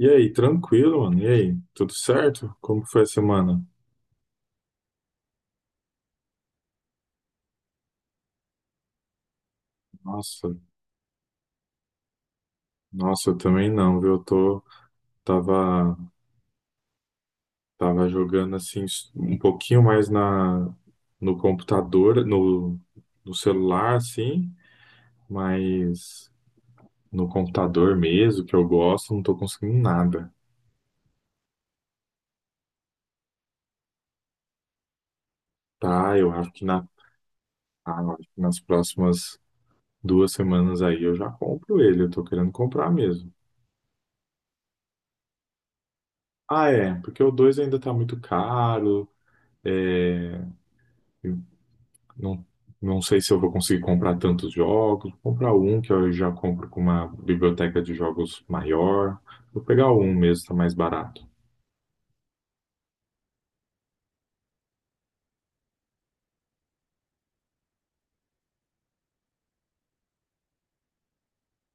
E aí, tranquilo, mano? E aí, tudo certo? Como foi a semana? Nossa, nossa, eu também não, viu? Tava, tava jogando assim um pouquinho mais no computador, no celular, assim, mas no computador mesmo, que eu gosto, não tô conseguindo nada. Tá, eu acho que eu acho que nas próximas 2 semanas aí eu já compro ele, eu tô querendo comprar mesmo. Ah, é, porque o 2 ainda tá muito caro. É, Não, não sei se eu vou conseguir comprar tantos jogos. Vou comprar um que eu já compro com uma biblioteca de jogos maior. Vou pegar um mesmo, tá mais barato.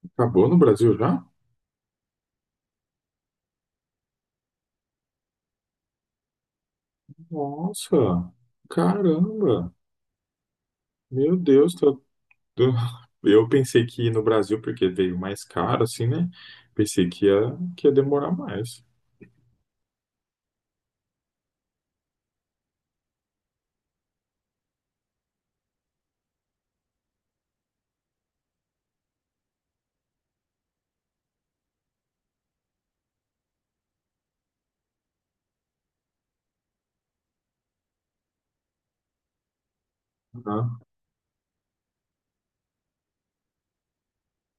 Acabou no Brasil já? Nossa, caramba. Meu Deus, tô- eu pensei que ia no Brasil, porque veio mais caro, assim, né? Pensei que ia demorar mais. Ah,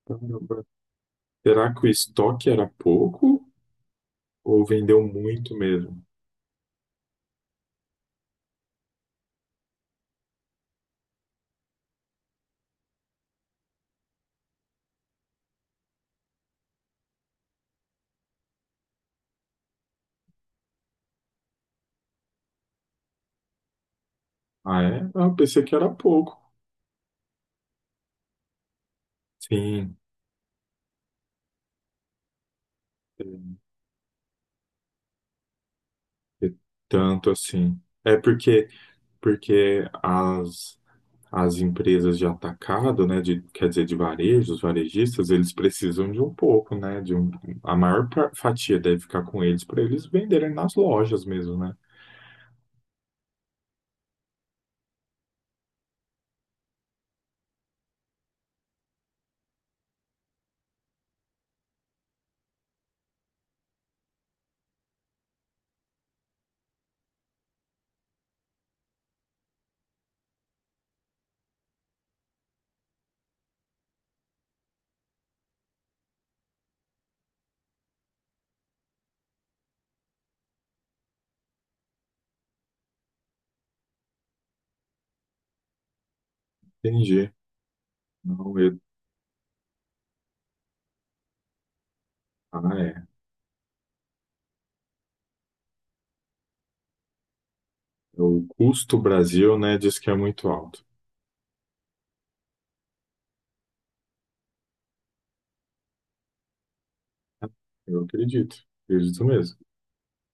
caramba. Será que o estoque era pouco ou vendeu muito mesmo? Ah, é? Ah, eu pensei que era pouco. Sim. É. E Tanto assim. É porque as empresas de atacado, né, de, quer dizer, de varejo, os varejistas, eles precisam de um pouco, né, de um, a maior fatia deve ficar com eles para eles venderem nas lojas mesmo, né? Entendi. Não, eu- ah, é. É, o custo Brasil, né, diz que é muito alto. Eu acredito. Acredito mesmo.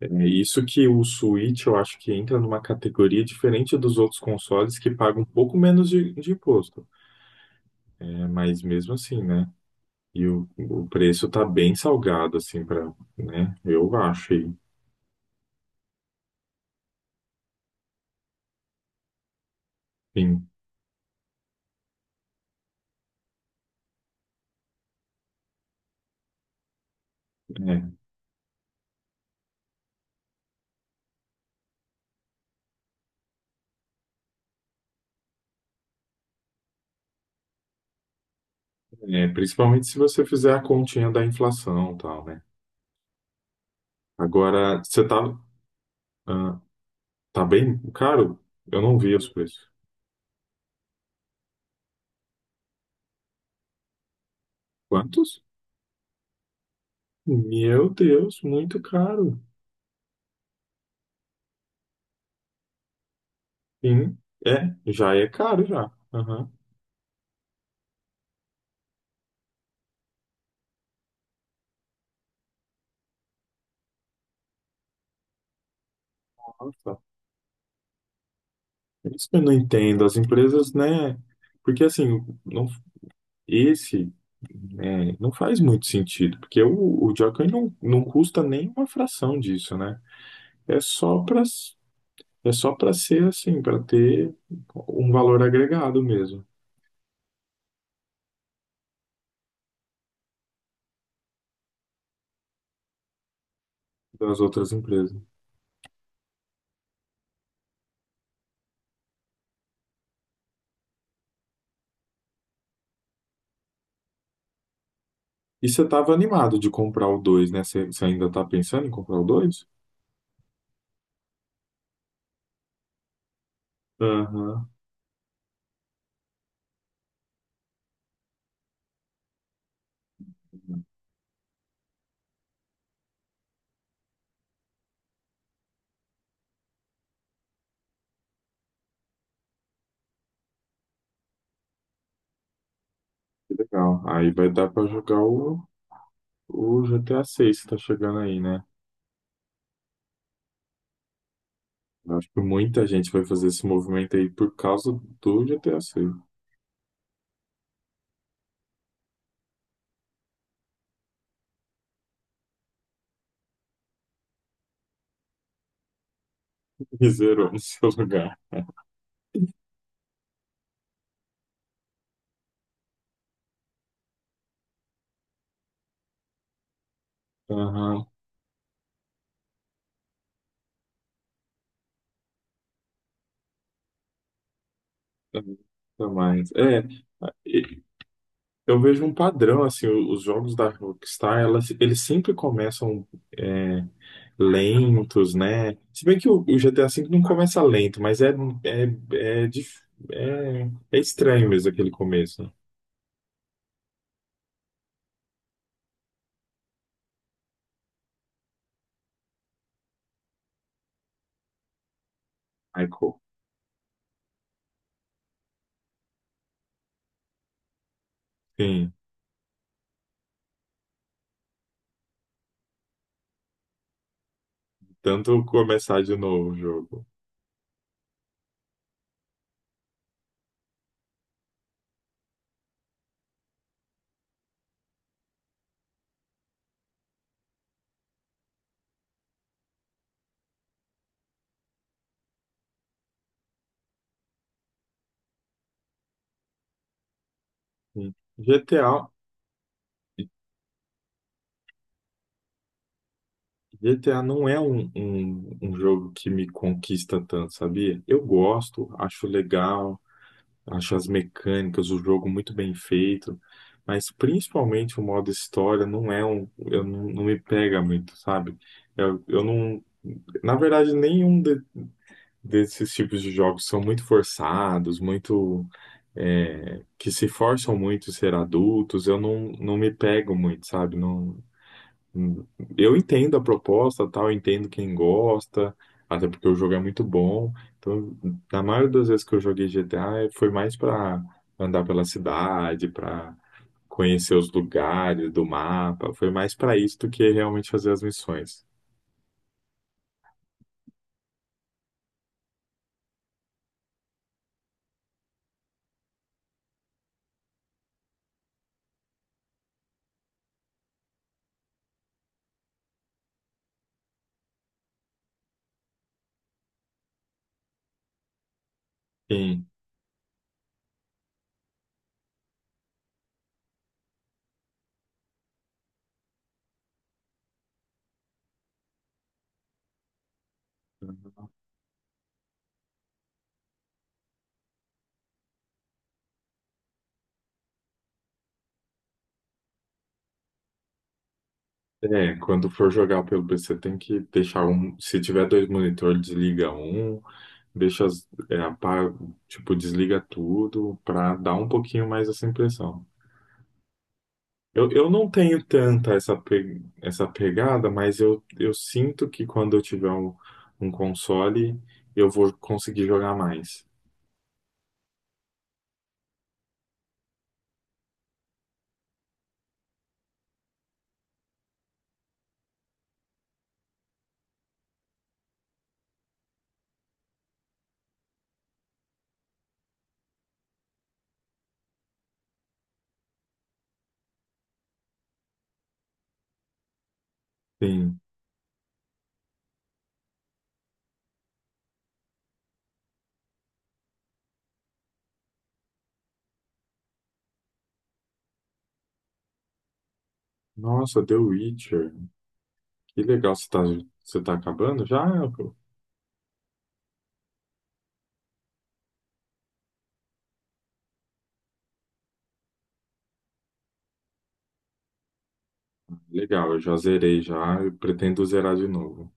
É isso que o Switch eu acho que entra numa categoria diferente dos outros consoles que pagam um pouco menos de imposto. É, mas mesmo assim, né? E o preço tá bem salgado, assim, para, né? Eu acho. E, enfim, é, é, principalmente se você fizer a continha da inflação e tal, né? Agora, ah, tá bem caro? Eu não vi os preços. Quantos? Meu Deus, muito caro. Sim, é, já é caro já. Aham. Nossa, é isso que eu não entendo. As empresas, né? Porque assim, não, esse. É, não faz muito sentido, porque o Joker não custa nem uma fração disso, né? É só para É só para ser assim, para ter um valor agregado mesmo das outras empresas. E você estava animado de comprar o 2, né? Você ainda está pensando em comprar o 2? Aham, que legal. Aí vai dar para jogar o GTA 6 que tá chegando aí, né? Eu acho que muita gente vai fazer esse movimento aí por causa do GTA 6. E zerou no seu lugar. Aham. Mas, é, e- eu vejo um padrão, assim, os jogos da Rockstar, eles sempre começam é, lentos, né? Se bem que o GTA V não começa lento, mas é, é, é estranho mesmo aquele começo, né? Michael. Sim, tanto começar de novo o jogo. Sim. GTA, GTA não é um jogo que me conquista tanto, sabia? Eu gosto, acho legal, acho as mecânicas, o jogo muito bem feito, mas principalmente o modo história não é um, eu não, não me pega muito, sabe? Eu não, na verdade, desses tipos de jogos são muito forçados, muito é, que se forçam muito a ser adultos. Eu não, não me pego muito, sabe? Não, eu entendo a proposta, tal, eu entendo quem gosta, até porque o jogo é muito bom. Então, na maioria das vezes que eu joguei GTA, foi mais para andar pela cidade, para conhecer os lugares do mapa, foi mais para isso do que realmente fazer as missões. Sim. É, quando for jogar pelo PC, tem que deixar um. Se tiver 2 monitores, desliga um, apaga, tipo, desliga tudo, para dar um pouquinho mais essa impressão. Eu não tenho tanta essa pegada, mas eu sinto que quando eu tiver um console, eu vou conseguir jogar mais. Sim. Nossa, The Witcher. Que legal, você tá acabando já? Legal, eu já zerei já, eu pretendo zerar de novo.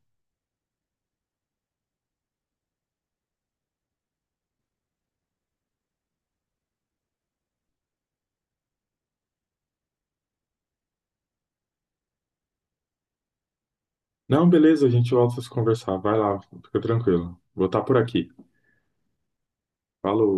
Não, beleza, a gente volta a se conversar. Vai lá, fica tranquilo. Vou estar por aqui. Falou.